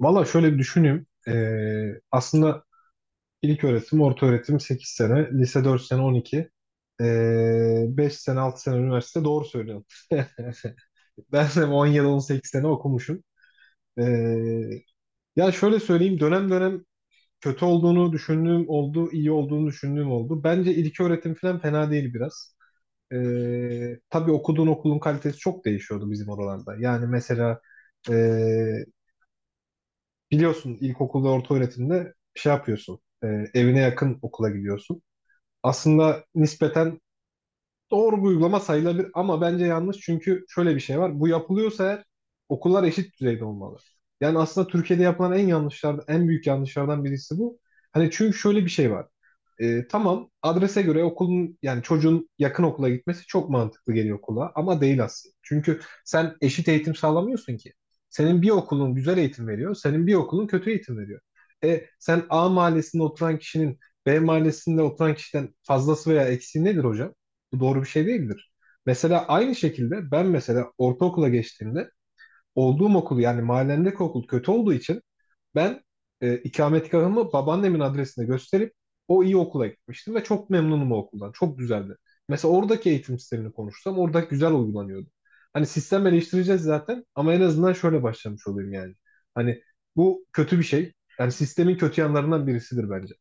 Valla şöyle bir düşüneyim. Aslında ilk öğretim, orta öğretim 8 sene, lise 4 sene 12, 5 sene 6 sene üniversite doğru söylüyorsun. Ben de 10 yıl 18 sene okumuşum. Ee, ya şöyle söyleyeyim dönem dönem kötü olduğunu düşündüğüm oldu, iyi olduğunu düşündüğüm oldu. Bence ilk öğretim falan fena değil biraz. Tabii okuduğun okulun kalitesi çok değişiyordu bizim oralarda. Yani mesela ee, biliyorsun ilkokul ve orta öğretimde şey yapıyorsun. Evine yakın okula gidiyorsun. Aslında nispeten doğru bir uygulama sayılabilir ama bence yanlış, çünkü şöyle bir şey var. Bu yapılıyorsa eğer, okullar eşit düzeyde olmalı. Yani aslında Türkiye'de yapılan en yanlışlardan, en büyük yanlışlardan birisi bu. Hani, çünkü şöyle bir şey var. Tamam, adrese göre okulun, yani çocuğun yakın okula gitmesi çok mantıklı geliyor kulağa, ama değil aslında. Çünkü sen eşit eğitim sağlamıyorsun ki. Senin bir okulun güzel eğitim veriyor, senin bir okulun kötü eğitim veriyor. Sen A mahallesinde oturan kişinin B mahallesinde oturan kişiden fazlası veya eksiği nedir hocam? Bu doğru bir şey değildir. Mesela aynı şekilde ben, mesela ortaokula geçtiğimde olduğum okul, yani mahallemdeki okul kötü olduğu için ben ikametgahımı babaannemin adresine gösterip o iyi okula gitmiştim ve çok memnunum o okuldan. Çok güzeldi. Mesela oradaki eğitim sistemini konuşsam, orada güzel uygulanıyordu. Hani sistem eleştireceğiz zaten, ama en azından şöyle başlamış olayım yani. Hani bu kötü bir şey. Yani sistemin kötü yanlarından birisidir bence.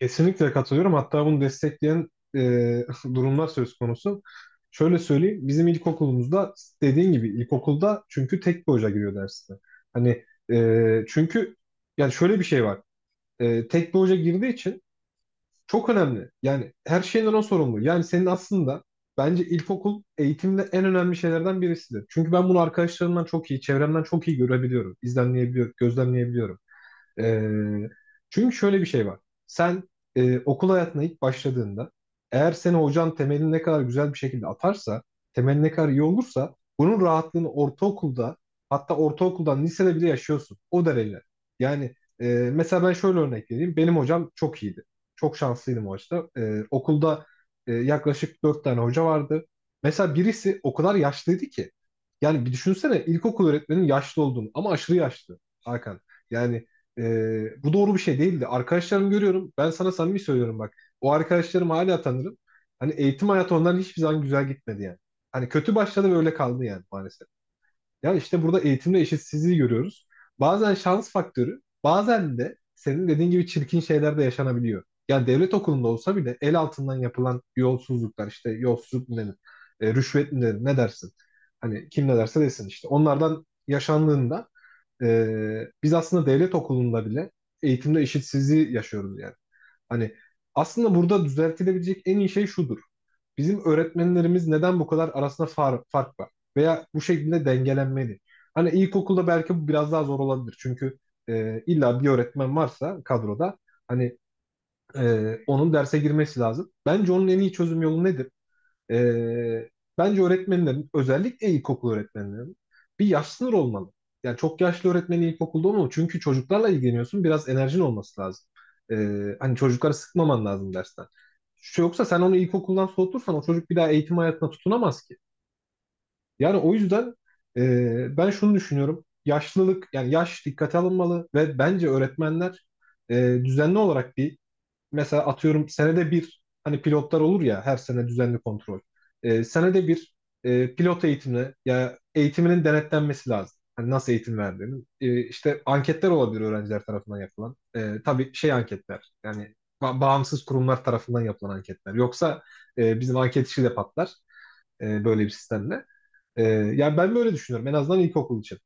Kesinlikle katılıyorum. Hatta bunu destekleyen e, durumlar söz konusu. Şöyle söyleyeyim. Bizim ilkokulumuzda, dediğin gibi ilkokulda çünkü tek bir hoca giriyor dersine. Hani, çünkü yani şöyle bir şey var. Tek bir hoca girdiği için çok önemli. Yani her şeyden o sorumlu. Yani senin aslında, bence ilkokul eğitimde en önemli şeylerden birisidir. Çünkü ben bunu arkadaşlarımdan çok iyi, çevremden çok iyi görebiliyorum, gözlemleyebiliyorum. Ee, çünkü şöyle bir şey var. Sen okul hayatına ilk başladığında, eğer seni hocan temelini ne kadar güzel bir şekilde atarsa, temelin ne kadar iyi olursa bunun rahatlığını ortaokulda, hatta ortaokuldan lisede bile yaşıyorsun. O derece. Yani mesela ben şöyle örnek vereyim. Benim hocam çok iyiydi. Çok şanslıydım o açıdan. Okulda yaklaşık dört tane hoca vardı. Mesela birisi o kadar yaşlıydı ki. Yani bir düşünsene ilkokul öğretmenin yaşlı olduğunu, ama aşırı yaşlı Hakan. Yani bu doğru bir şey değildi. Arkadaşlarım, görüyorum. Ben sana samimi söylüyorum bak. O arkadaşlarımı hala tanırım. Hani eğitim hayatı onların hiçbir zaman güzel gitmedi yani. Hani kötü başladı ve öyle kaldı yani, maalesef. Yani işte burada eğitimde eşitsizliği görüyoruz. Bazen şans faktörü, bazen de senin dediğin gibi çirkin şeyler de yaşanabiliyor. Yani devlet okulunda olsa bile el altından yapılan yolsuzluklar, işte yolsuzluk mu denir, rüşvet mi denir, ne dersin? Hani kim ne derse desin işte. Onlardan yaşandığında e, biz aslında devlet okulunda bile eğitimde eşitsizliği yaşıyoruz yani. Hani aslında burada düzeltilebilecek en iyi şey şudur. Bizim öğretmenlerimiz neden bu kadar arasında fark var? Veya bu şekilde dengelenmeli. Hani ilkokulda belki bu biraz daha zor olabilir. Çünkü illa bir öğretmen varsa kadroda, hani onun derse girmesi lazım. Bence onun en iyi çözüm yolu nedir? Ee, bence öğretmenlerin, özellikle ilkokul öğretmenlerin bir yaş sınırı olmalı. Yani çok yaşlı öğretmeni ilkokulda olmalı. Çünkü çocuklarla ilgileniyorsun. Biraz enerjin olması lazım. Hani çocukları sıkmaman lazım dersten. Yoksa sen onu ilkokuldan soğutursan, o çocuk bir daha eğitim hayatına tutunamaz ki. Yani o yüzden ben şunu düşünüyorum. Yaşlılık, yani yaş dikkate alınmalı ve bence öğretmenler e, düzenli olarak bir, mesela atıyorum senede bir, hani pilotlar olur ya her sene düzenli kontrol. Senede bir pilot eğitimine, ya eğitiminin denetlenmesi lazım. Hani nasıl eğitim verdiğini. İşte anketler olabilir, öğrenciler tarafından yapılan. Tabii şey anketler, yani bağımsız kurumlar tarafından yapılan anketler. Yoksa bizim anket işi de patlar böyle bir sistemle. Yani ben böyle düşünüyorum, en azından ilkokul için.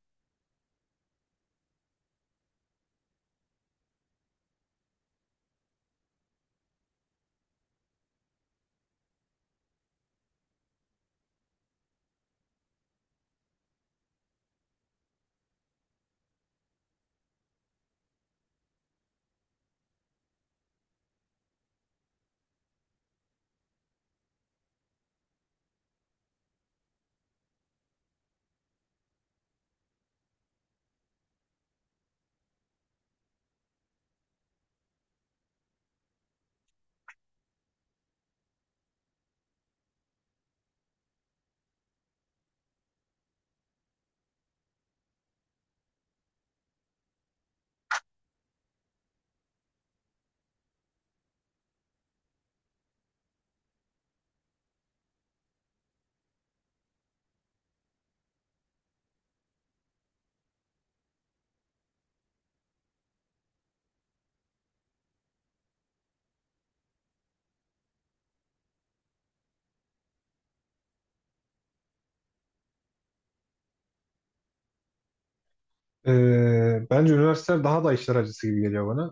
Bence üniversiteler daha da işler acısı gibi geliyor bana.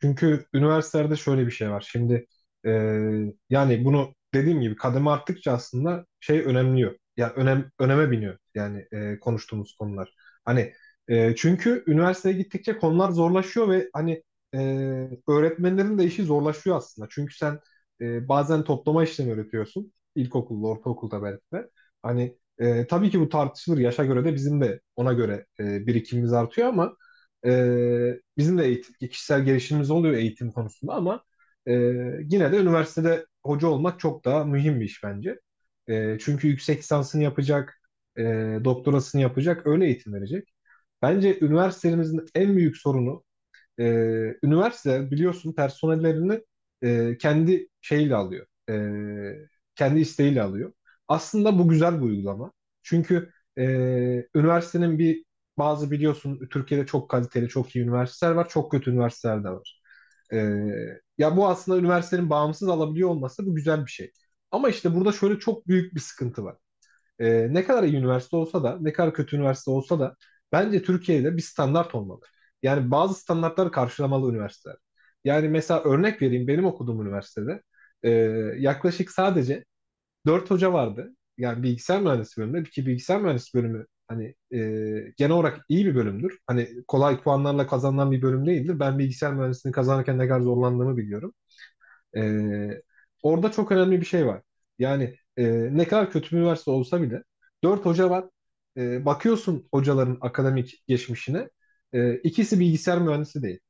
Çünkü üniversitelerde şöyle bir şey var. Şimdi e, yani bunu, dediğim gibi, kademe arttıkça aslında şey önemliyor. Yani öneme biniyor yani konuştuğumuz konular. Hani, çünkü üniversiteye gittikçe konular zorlaşıyor ve hani e, öğretmenlerin de işi zorlaşıyor aslında. Çünkü sen bazen toplama işlemi öğretiyorsun. İlkokulda, ortaokulda belki de. Hani tabii ki bu tartışılır. Yaşa göre de bizim de ona göre birikimimiz artıyor ama bizim de eğitim, kişisel gelişimimiz oluyor eğitim konusunda, ama e, yine de üniversitede hoca olmak çok daha mühim bir iş bence. Çünkü yüksek lisansını yapacak, e, doktorasını yapacak, öyle eğitim verecek. Bence üniversitemizin en büyük sorunu, e, üniversite biliyorsun personellerini kendi şeyle alıyor. Kendi isteğiyle alıyor. Aslında bu güzel bir uygulama. Çünkü e, üniversitenin bazı, biliyorsun Türkiye'de çok kaliteli, çok iyi üniversiteler var. Çok kötü üniversiteler de var. E, ya bu aslında üniversitenin bağımsız alabiliyor olması, bu güzel bir şey. Ama işte burada şöyle çok büyük bir sıkıntı var: ne kadar iyi üniversite olsa da, ne kadar kötü üniversite olsa da, bence Türkiye'de bir standart olmalı. Yani bazı standartları karşılamalı üniversiteler. Yani mesela örnek vereyim, benim okuduğum üniversitede e, yaklaşık sadece 4 hoca vardı. Yani bilgisayar mühendisi bölümünde ki bilgisayar mühendisi bölümü, hani e, genel olarak iyi bir bölümdür. Hani kolay puanlarla kazanılan bir bölüm değildir. Ben bilgisayar mühendisliğini kazanırken ne kadar zorlandığımı biliyorum. Ee, orada çok önemli bir şey var. Yani ne kadar kötü bir üniversite olsa bile dört hoca var. Bakıyorsun hocaların akademik geçmişine. İkisi bilgisayar mühendisi değil.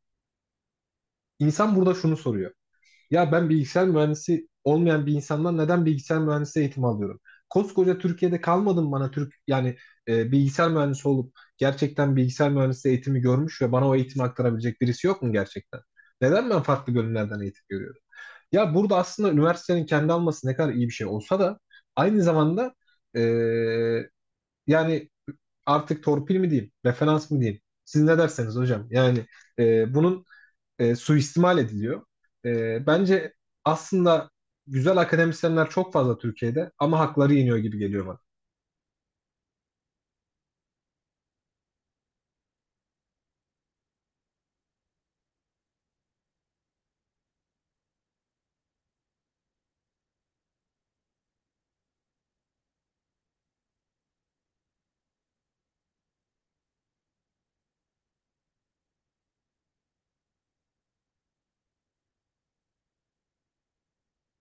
İnsan burada şunu soruyor. Ya ben bilgisayar mühendisi olmayan bir insandan neden bilgisayar mühendisi eğitimi alıyorum? Koskoca Türkiye'de kalmadım bana Türk yani, bilgisayar mühendisi olup gerçekten bilgisayar mühendisi eğitimi görmüş ve bana o eğitimi aktarabilecek birisi yok mu gerçekten? Neden ben farklı bölümlerden eğitim görüyorum? Ya burada aslında üniversitenin kendi alması ne kadar iyi bir şey olsa da, aynı zamanda eee, yani artık torpil mi diyeyim, referans mı diyeyim, siz ne derseniz hocam. Yani bunun suistimal ediliyor. Bence aslında güzel akademisyenler çok fazla Türkiye'de, ama hakları yeniyor gibi geliyor bana.